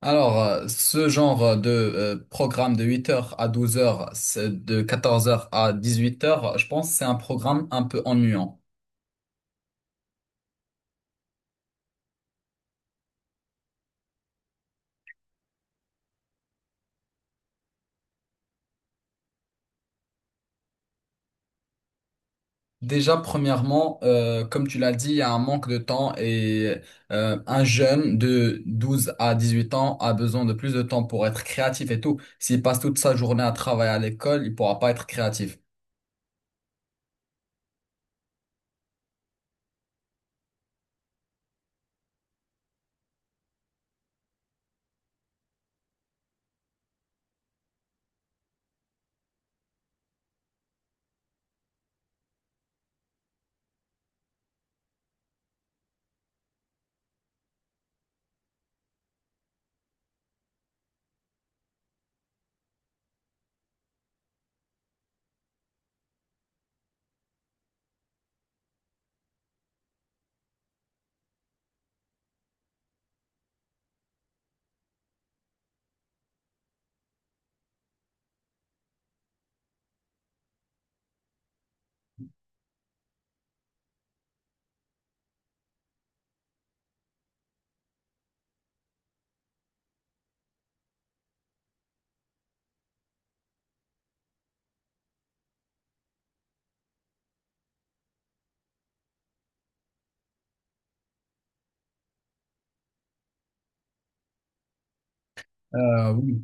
Alors, ce genre de programme de 8h à 12h, de 14h à 18h, je pense que c'est un programme un peu ennuyant. Déjà, premièrement, comme tu l'as dit, il y a un manque de temps et un jeune de 12 à 18 ans a besoin de plus de temps pour être créatif et tout. S'il passe toute sa journée à travailler à l'école, il pourra pas être créatif. Oui.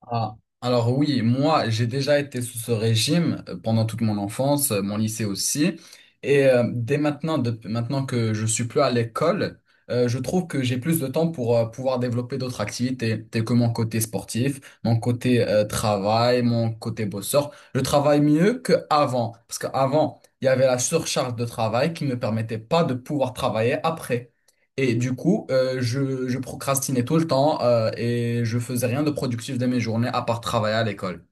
Ah, alors oui, moi j'ai déjà été sous ce régime pendant toute mon enfance, mon lycée aussi. Et dès maintenant, depuis maintenant que je suis plus à l'école, je trouve que j'ai plus de temps pour pouvoir développer d'autres activités, telles que mon côté sportif, mon côté travail, mon côté bosseur. Je travaille mieux qu'avant, parce qu'avant il y avait la surcharge de travail qui ne me permettait pas de pouvoir travailler après. Et du coup, je procrastinais tout le temps, et je faisais rien de productif de mes journées à part travailler à l'école.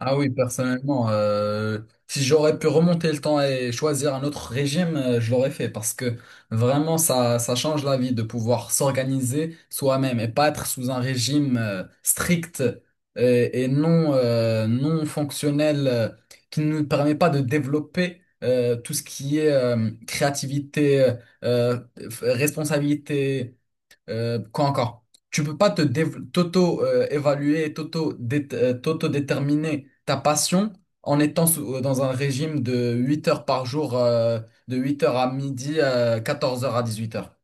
Ah oui, personnellement, si j'aurais pu remonter le temps et choisir un autre régime, je l'aurais fait parce que vraiment, ça change la vie de pouvoir s'organiser soi-même et pas être sous un régime strict et non, non fonctionnel, qui ne nous permet pas de développer tout ce qui est créativité, euh, responsabilité. Quoi encore? Tu peux pas t'auto-évaluer, t'auto-déterminer ta passion en étant dans un régime de 8h par jour, de 8h à midi, 14 heures à 18h.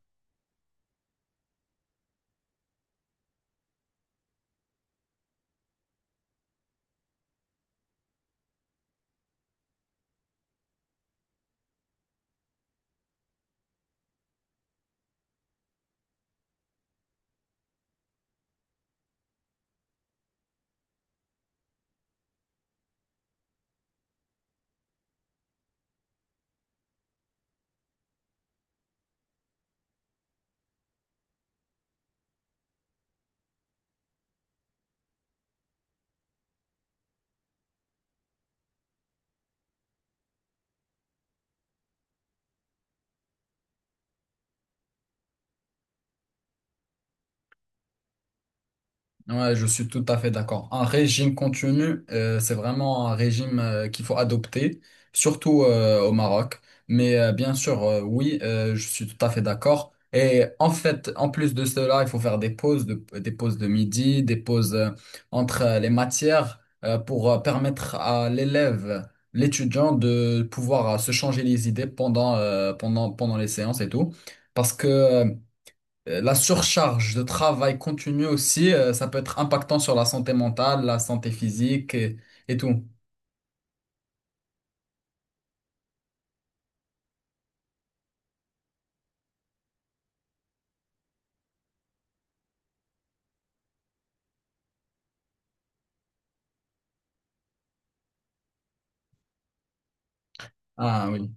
Ouais, je suis tout à fait d'accord. Un régime continu, c'est vraiment un régime qu'il faut adopter, surtout au Maroc. Mais bien sûr, oui, je suis tout à fait d'accord. Et en fait, en plus de cela, il faut faire des pauses, des pauses de midi, des pauses entre les matières pour permettre à l'élève, l'étudiant, de pouvoir se changer les idées pendant les séances et tout. Parce que la surcharge de travail continue aussi, ça peut être impactant sur la santé mentale, la santé physique et tout. Ah oui.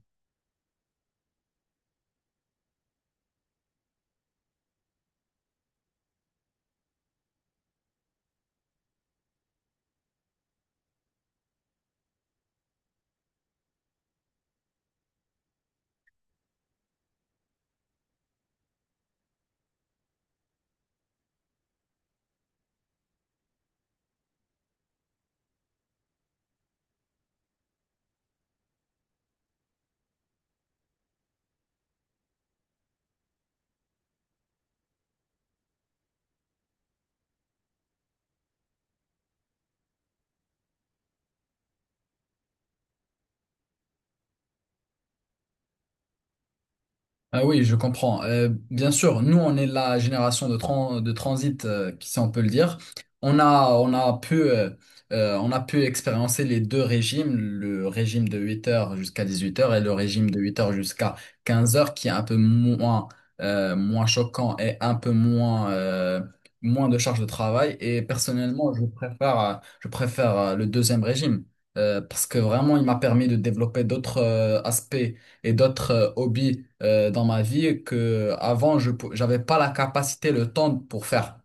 Ah oui, je comprends. Bien sûr, nous, on est la génération de, de transit, si on peut le dire. On a, on a pu, euh, on a pu expérimenter les deux régimes, le régime de 8h jusqu'à 18h et le régime de 8h jusqu'à 15h, qui est un peu moins, moins choquant et un peu moins, moins de charge de travail. Et personnellement, je préfère le deuxième régime, parce que vraiment, il m'a permis de développer d'autres, aspects et d'autres hobbies dans ma vie que avant j'avais pas la capacité, le temps pour faire.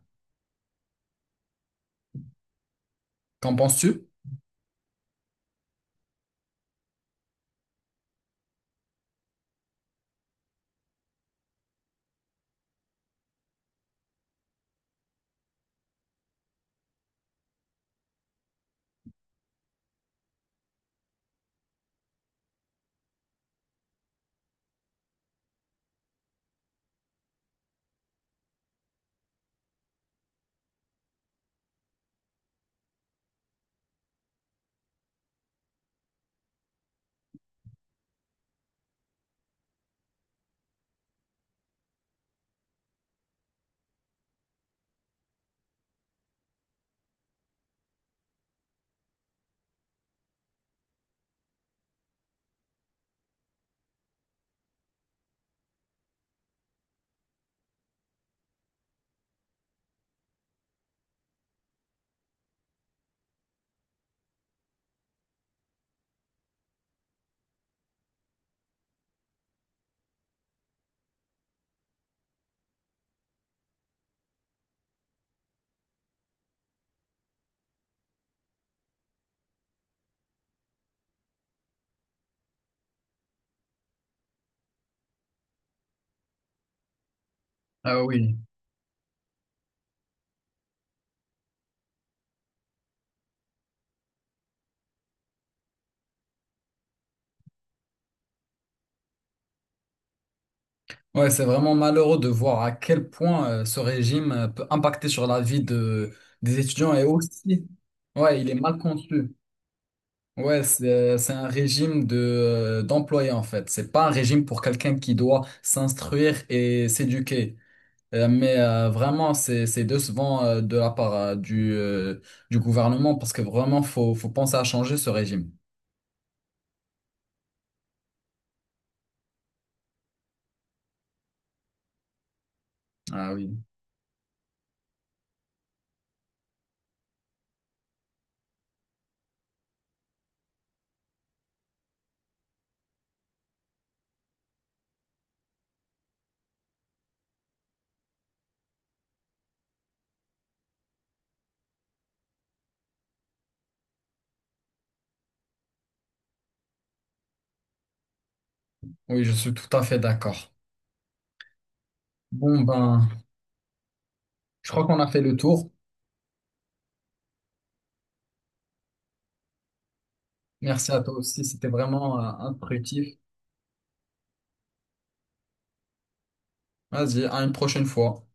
Qu'en penses-tu? Ah oui. Ouais, c'est vraiment malheureux de voir à quel point ce régime peut impacter sur la vie des étudiants et aussi, ouais, il est mal conçu. Ouais, c'est un régime d'employé, en fait. C'est pas un régime pour quelqu'un qui doit s'instruire et s'éduquer. Mais vraiment, c'est décevant de la part du gouvernement parce que vraiment, faut penser à changer ce régime. Ah oui, oui, je suis tout à fait d'accord. Bon, ben, je crois qu'on a fait le tour. Merci à toi aussi, c'était vraiment instructif. Vas-y, à une prochaine fois.